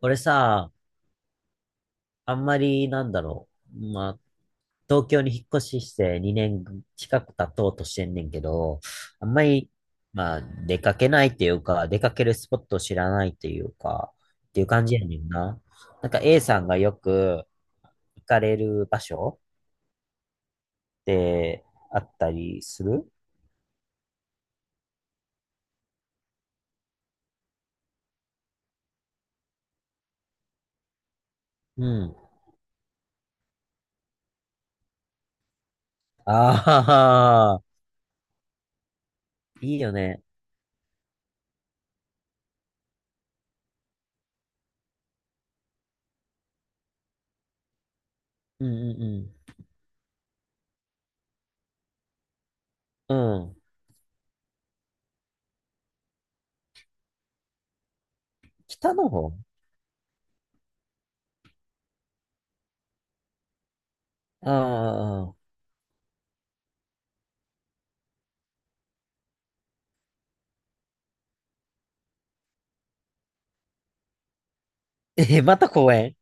俺さ、あんまりう。まあ、東京に引っ越しして2年近く経とうとしてんねんけど、あんまり、出かけないっていうか、出かけるスポットを知らないっていうか、っていう感じやねんな。なんか A さんがよく行かれる場所ってあったりする？うん。ああ、いいよね。うんうんうん。うん。北の方。ああー。え、また公園？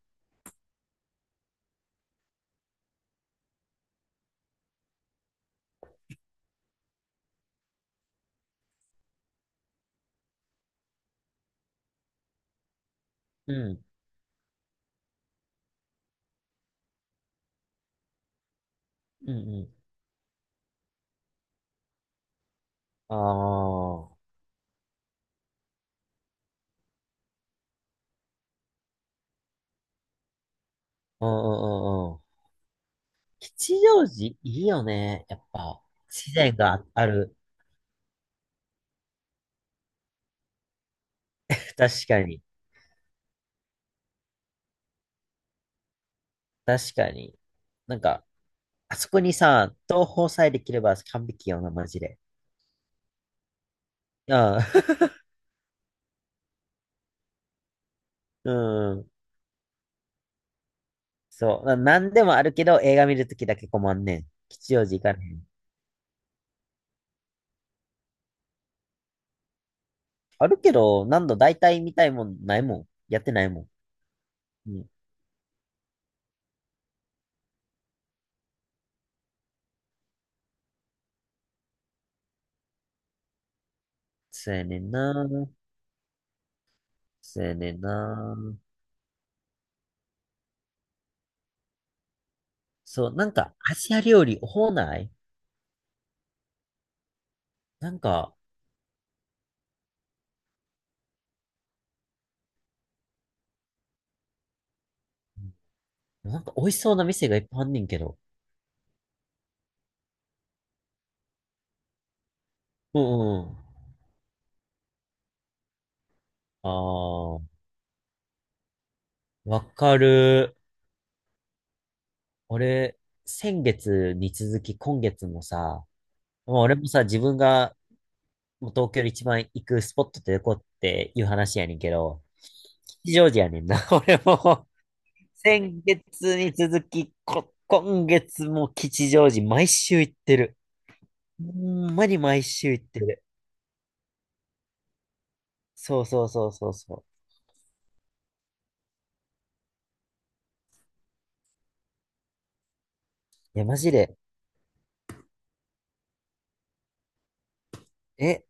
うん。うんうん。ああ、うんうんうんうん。吉祥寺いいよね。やっぱ、自然がある。確かに。確かに。なんか、あそこにさ、東宝さえできれば完璧よな、マジで。うん。うん。そう。なんでもあるけど、映画見るときだけ困んねん。吉祥寺行かねん。あるけど、何度大体見たいもんないもん。やってないもん。うん。そうやねんな。そうやねんな。そう、なんか、アジア料理多ない？なんか、なんか美味しそうな店がいっぱいあんねんけど。うんうん。ああ、わかる。俺、先月に続き今月もさ、まあ俺もさ、自分がもう東京で一番行くスポットってどこっていう話やねんけど、吉祥寺やねんな。俺も先月に続き、今月も吉祥寺毎週行ってる。ほんまに毎週行ってる。そうそうそうそうそう。いや、マジで。え、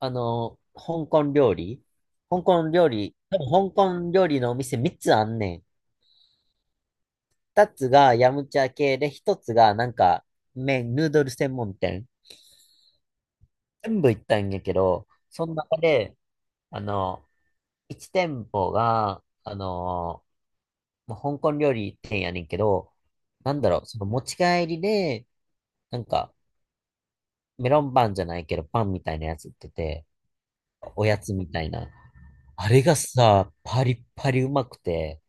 あの、香港料理、香港料理、多分香港料理のお店3つあんねん。2つがヤムチャ系で、1つがなんか麺、ヌードル専門店。全部行ったんやけど、その中で、あの、1店舗が、まあ香港料理店やねんけど、その持ち帰りで、なんかメロンパンじゃないけど、パンみたいなやつ売ってて、おやつみたいな。あれがさ、パリッパリうまくて、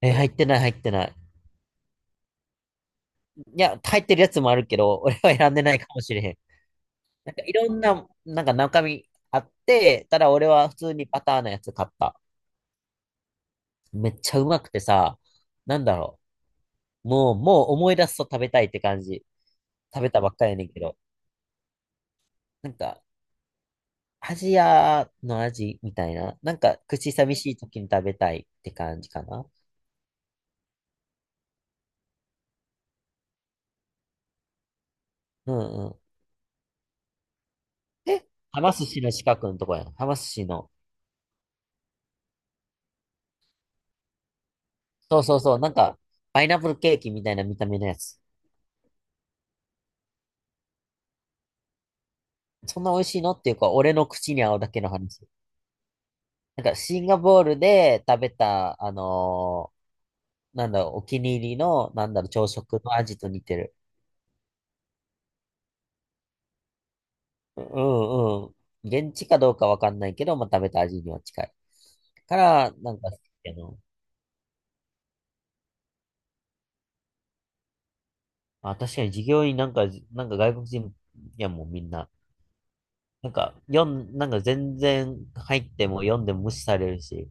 え、入ってない、入ってない。いや、入ってるやつもあるけど、俺は選んでないかもしれへん。なんかいろんな、なんか中身あって、ただ俺は普通にパターンのやつ買った。めっちゃうまくてさ、なんだろもう、もう思い出すと食べたいって感じ。食べたばっかりやねんけど。なんか、アジアの味みたいな。なんか、口寂しい時に食べたいって感じかな。うんうん。え、はま寿司の近くのとこやん。はま寿司の。そうそうそう。なんか、パイナップルケーキみたいな見た目のやつ。そんな美味しいのっていうか、俺の口に合うだけの話。なんか、シンガポールで食べた、なんだろう、お気に入りの、なんだろう、朝食の味と似てる。ううんうん。現地かどうかわかんないけど、まあ、食べた味には近い。から、なんか、あ、確かに従業員なんか、なんか外国人やもんみんな。なんか、なんか全然入っても読んでも無視されるし。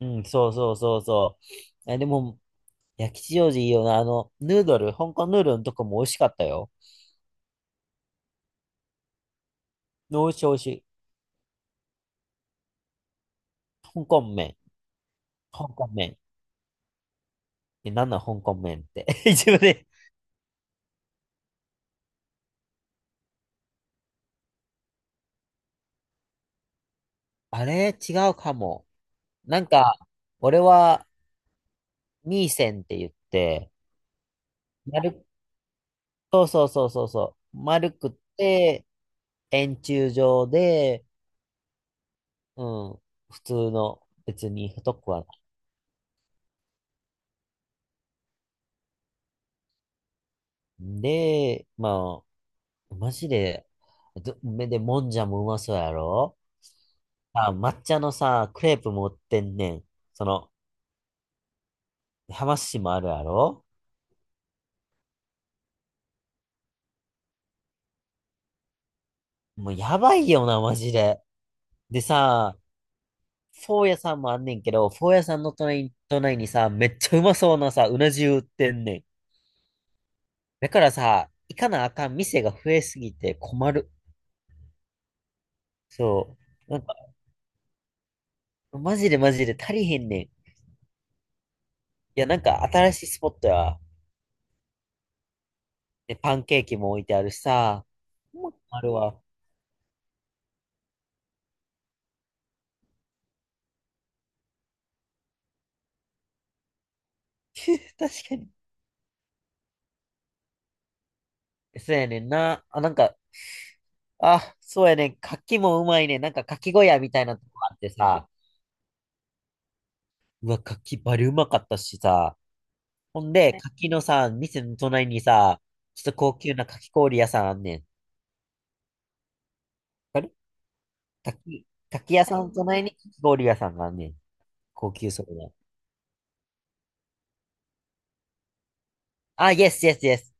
うん、そうそうそうそう。え、でも、いや、吉祥寺いいよな。あの、ヌードル、香港ヌードルのとこも美味しかったよ。美味しい美味しい。香港麺。香港麺。え、なんなん香港麺って。自分で。あれ違うかも。なんか、俺は、ミーセンって言って、丸、そうそうそうそうそう。丸くって、円柱状で、うん、普通の、別に太くはない。で、まあ、マジで、ど、めで、もんじゃもうまそうやろ？あ、抹茶のさ、クレープ持ってんねん。その、浜市もあるやろ？もうやばいよな、マジで。でさ、フォー屋さんもあんねんけど、フォー屋さんの隣に、隣にさ、めっちゃうまそうなさ、うな重売ってんねん。だからさ、行かなあかん店が増えすぎて困る。そう。なんか、マジでマジで足りへんねん。いや、なんか新しいスポットや。で、パンケーキも置いてあるしさ、もうあるわ。確かに。そうやねんな。あ、なんか、あ、そうやねん。柿もうまいねん。なんか柿小屋みたいなとこあってさ、うわ、柿バリうまかったしさ。ほんで、柿のさ、店の隣にさ、ちょっと高級な柿氷屋さんあんねん。わかる？柿、柿屋さんの隣に柿氷屋さんがあんねん。高級そうな。あ、イエスイエスイエス。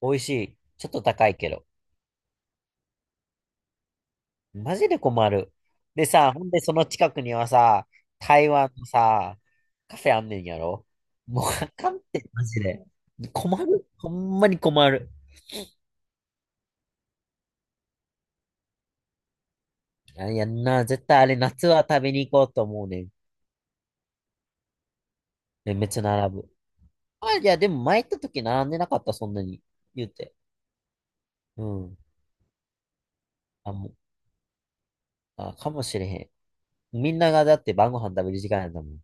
美味しい。ちょっと高いけど。マジで困る。でさ、ほんでその近くにはさ、台湾のさ、カフェあんねんやろ？もうあかんって、マジで。困る。ほんまに困る。あいやんな、絶対あれ夏は食べに行こうと思うねん。え、めっちゃ並ぶ。あ、いや、でも前行った時並んでなかった、そんなに。言うて。うん。あ、もう、あ、かもしれへん。みんながだって晩ご飯食べる時間やんだもん。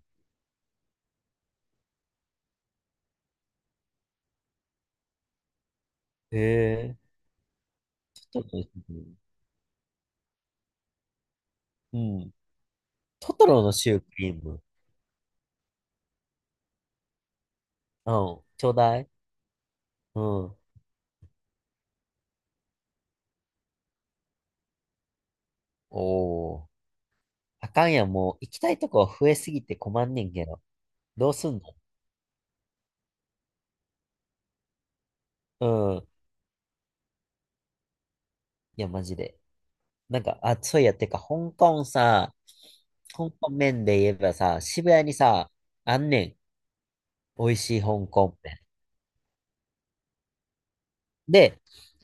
へえ。トトロのシュークリーム。うん。トトロのシュークリーム。うんちょうだい。うん。おお。あかんやん、もう行きたいとこ増えすぎて困んねんけど。どうすんの？うん。いや、マジで。なんか、あ、そういや、てか、香港さ、香港麺で言えばさ、渋谷にさ、あんねん。美味しい香港麺。で、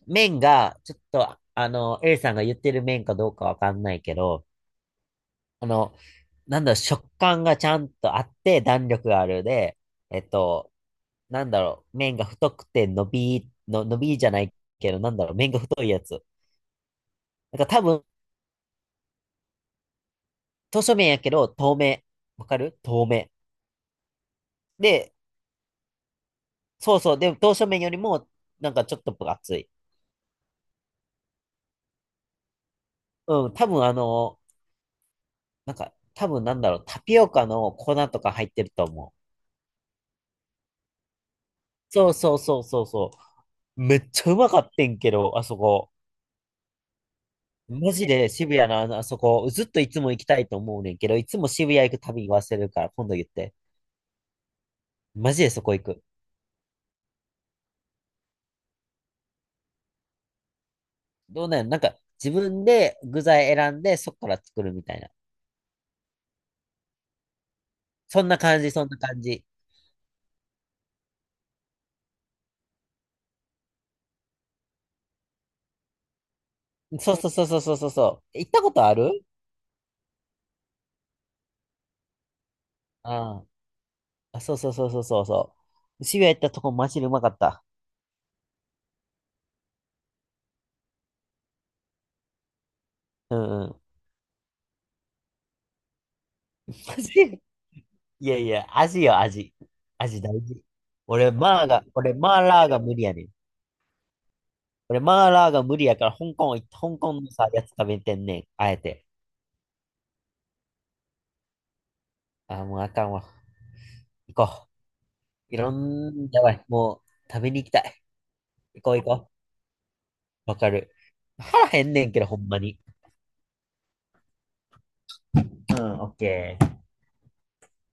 麺が、ちょっと、A さんが言ってる麺かどうかわかんないけど、あの、なんだろう、食感がちゃんとあって、弾力があるで、えっと、なんだろう、麺が太くて伸び、の、伸びじゃないけど、なんだろう、麺が太いやつ。なんか多分、刀削麺やけど、透明。わかる透明。で、そうそう、でも刀削麺よりも、なんかちょっと分厚い。うん、多分あの、なんか、多分なんだろう、タピオカの粉とか入ってると思う。そうそうそうそうそう。めっちゃうまかってんけど、あそこ。マジで渋谷のあの、あそこ、ずっといつも行きたいと思うねんけど、いつも渋谷行くたびに忘れるから、今度言って。マジでそこ行く。どうなんや？なんか、自分で具材選んで、そこから作るみたいな。そんな感じ、そんな感じ。そうそうそうそうそうそうそう。行ったことある？ああ、あそうそうそうそうそうそう。渋谷行ったとこ、マジでうまかった。うんうん。マジでいやいや、味よ、味。味大事。俺、マーラーが無理やねん。俺、マーラーが無理やから、香港行って、香港のさ、やつ食べてんねん。あえて。あー、もうあかんわ。行こう。いろん、やばい。もう、食べに行きたい。行こう行こう。わかる。腹減んねんけど、ほんまに。うん、オッケー。